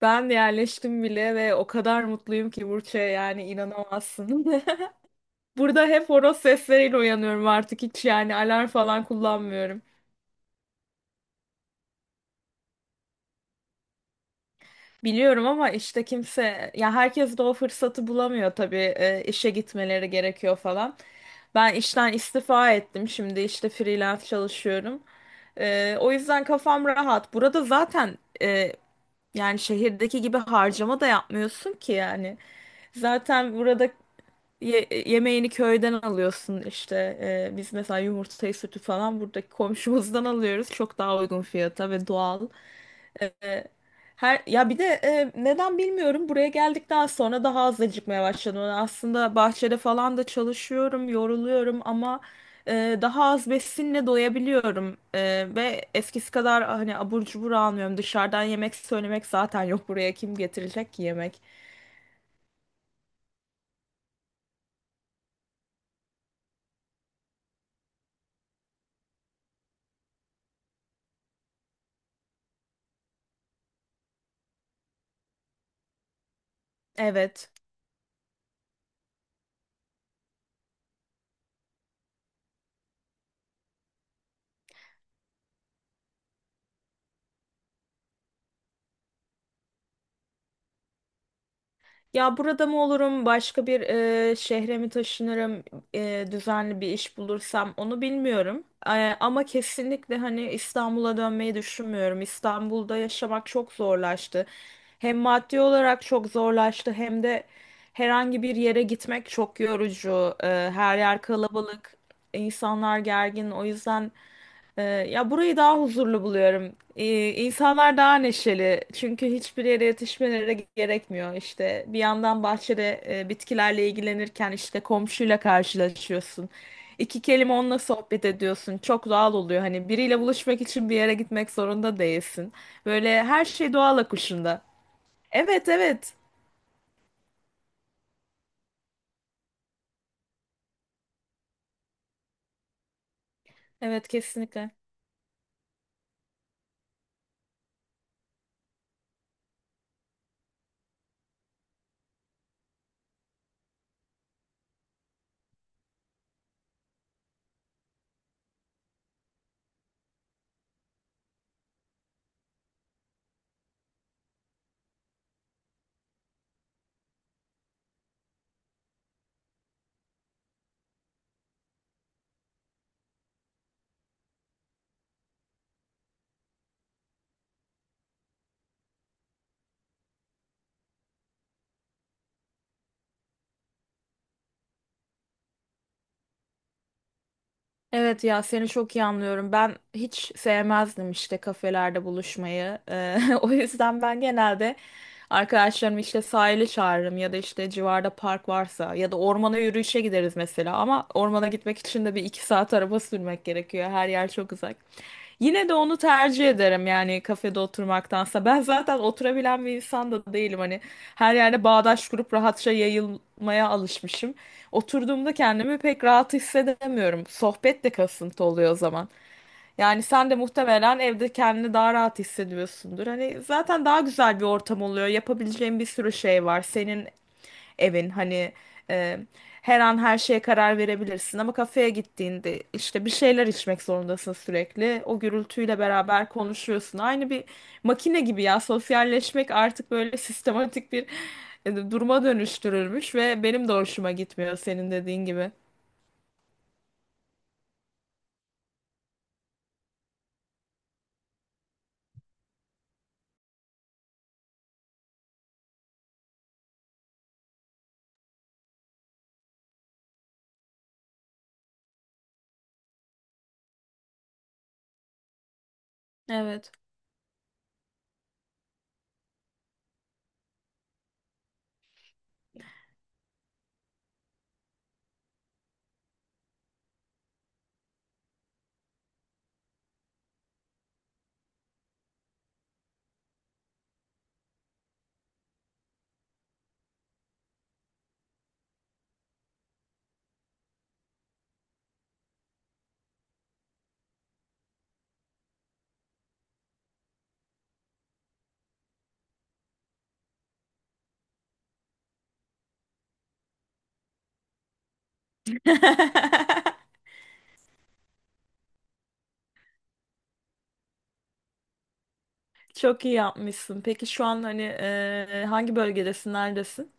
Ben yerleştim bile ve o kadar mutluyum ki Burç'e yani inanamazsın. Burada hep horoz sesleriyle uyanıyorum artık hiç yani alarm falan kullanmıyorum. Biliyorum ama işte kimse ya herkes de o fırsatı bulamıyor tabii işe gitmeleri gerekiyor falan. Ben işten istifa ettim şimdi işte freelance çalışıyorum. O yüzden kafam rahat. Burada zaten yani şehirdeki gibi harcama da yapmıyorsun ki yani. Zaten burada yemeğini köyden alıyorsun işte. Biz mesela yumurtayı sütü falan buradaki komşumuzdan alıyoruz. Çok daha uygun fiyata ve doğal. Ee, her ya bir de neden bilmiyorum buraya geldikten sonra daha az acıkmaya başladım. Yani aslında bahçede falan da çalışıyorum, yoruluyorum ama daha az besinle doyabiliyorum. Ve eskisi kadar hani abur cubur almıyorum. Dışarıdan yemek söylemek zaten yok buraya kim getirecek ki yemek? Evet. Ya burada mı olurum, başka bir şehre mi taşınırım, düzenli bir iş bulursam onu bilmiyorum. Ama kesinlikle hani İstanbul'a dönmeyi düşünmüyorum. İstanbul'da yaşamak çok zorlaştı. Hem maddi olarak çok zorlaştı hem de herhangi bir yere gitmek çok yorucu. Her yer kalabalık, insanlar gergin. O yüzden. Ya burayı daha huzurlu buluyorum. İnsanlar daha neşeli. Çünkü hiçbir yere yetişmeleri gerekmiyor. İşte bir yandan bahçede bitkilerle ilgilenirken işte komşuyla karşılaşıyorsun. İki kelime onunla sohbet ediyorsun. Çok doğal oluyor. Hani biriyle buluşmak için bir yere gitmek zorunda değilsin. Böyle her şey doğal akışında. Evet, evet. Evet, kesinlikle. Evet ya seni çok iyi anlıyorum. Ben hiç sevmezdim işte kafelerde buluşmayı. O yüzden ben genelde arkadaşlarımı işte sahile çağırırım ya da işte civarda park varsa ya da ormana yürüyüşe gideriz mesela. Ama ormana gitmek için de bir iki saat araba sürmek gerekiyor. Her yer çok uzak. Yine de onu tercih ederim yani kafede oturmaktansa. Ben zaten oturabilen bir insan da değilim. Hani her yerde bağdaş kurup rahatça yayılmaya alışmışım. Oturduğumda kendimi pek rahat hissedemiyorum. Sohbet de kasıntı oluyor o zaman. Yani sen de muhtemelen evde kendini daha rahat hissediyorsundur. Hani zaten daha güzel bir ortam oluyor. Yapabileceğin bir sürü şey var. Senin evin hani e, her an her şeye karar verebilirsin ama kafeye gittiğinde işte bir şeyler içmek zorundasın sürekli. O gürültüyle beraber konuşuyorsun. Aynı bir makine gibi ya sosyalleşmek artık böyle sistematik bir duruma dönüştürülmüş ve benim de hoşuma gitmiyor senin dediğin gibi. Evet. Çok iyi yapmışsın. Peki şu an hani hangi bölgedesin, neredesin?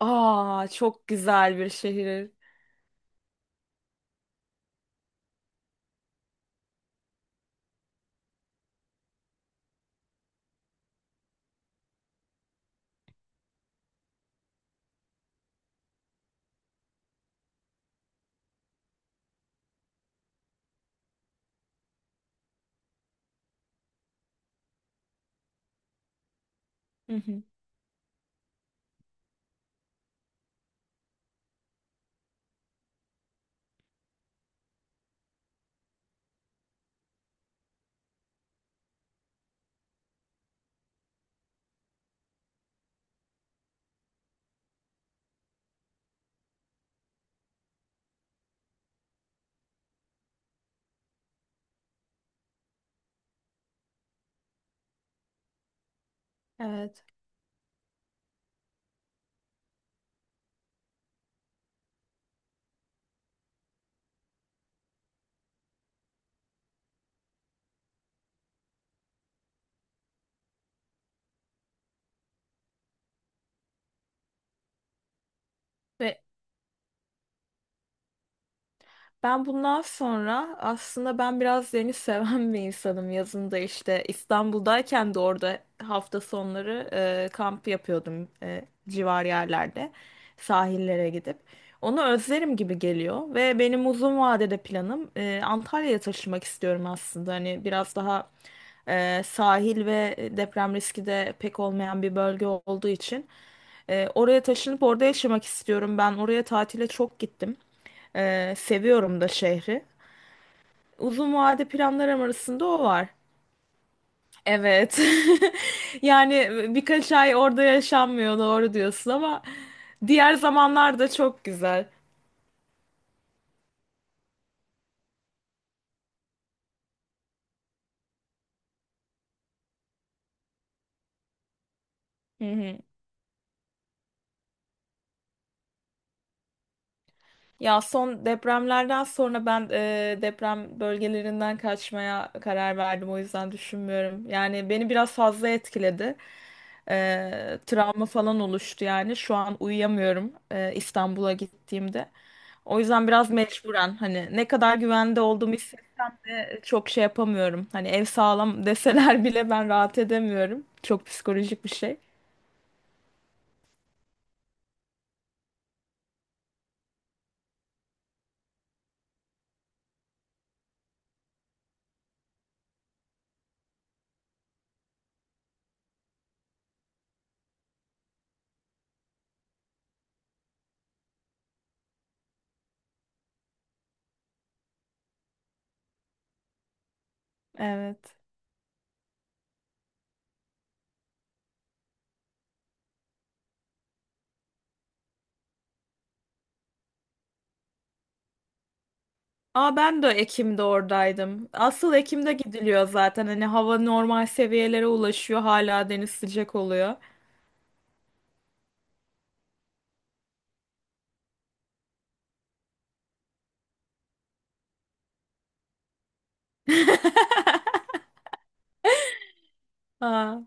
Aa, çok güzel bir şehir. Hı hı. Evet. Ve ben bundan sonra aslında ben biraz deniz seven bir insanım. Yazın da işte İstanbul'dayken de orada hafta sonları kamp yapıyordum civar yerlerde sahillere gidip. Onu özlerim gibi geliyor ve benim uzun vadede planım Antalya'ya taşınmak istiyorum aslında. Hani biraz daha sahil ve deprem riski de pek olmayan bir bölge olduğu için. Oraya taşınıp orada yaşamak istiyorum. Ben oraya tatile çok gittim. Seviyorum da şehri. Uzun vade planlarım arasında o var. Evet. Yani birkaç ay orada yaşanmıyor doğru diyorsun ama diğer zamanlar da çok güzel. Hı hı. Ya son depremlerden sonra ben deprem bölgelerinden kaçmaya karar verdim. O yüzden düşünmüyorum. Yani beni biraz fazla etkiledi. Travma falan oluştu yani. Şu an uyuyamıyorum İstanbul'a gittiğimde. O yüzden biraz mecburen hani ne kadar güvende olduğumu hissetsem de çok şey yapamıyorum. Hani ev sağlam deseler bile ben rahat edemiyorum. Çok psikolojik bir şey. Evet. Aa ben de Ekim'de oradaydım. Asıl Ekim'de gidiliyor zaten. Hani hava normal seviyelere ulaşıyor. Hala deniz sıcak oluyor. Aa.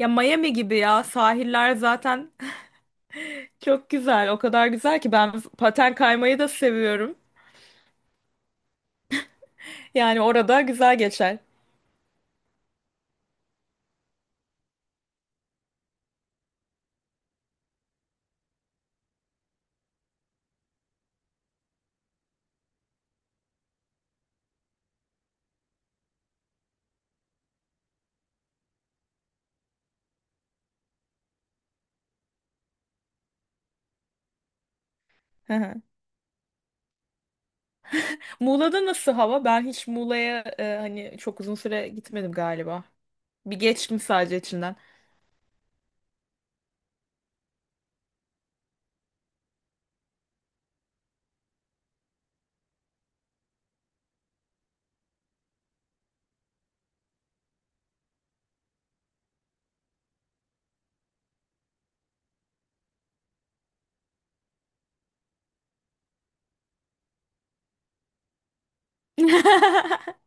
Ya Miami gibi ya. Sahiller zaten çok güzel. O kadar güzel ki ben paten kaymayı da seviyorum. Yani orada güzel geçer. Hı hı. Muğla'da nasıl hava? Ben hiç Muğla'ya hani çok uzun süre gitmedim galiba. Bir geçtim sadece içinden.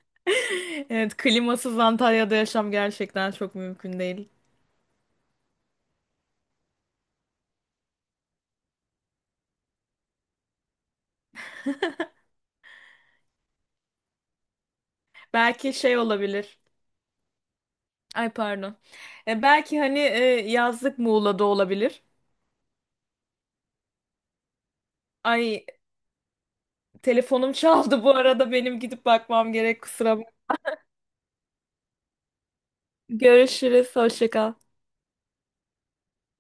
Evet, klimasız Antalya'da yaşam gerçekten çok mümkün değil. Belki şey olabilir. Ay pardon. Belki hani yazlık Muğla'da olabilir. Ay telefonum çaldı bu arada benim gidip bakmam gerek kusura bakma. Görüşürüz. Hoşça kal.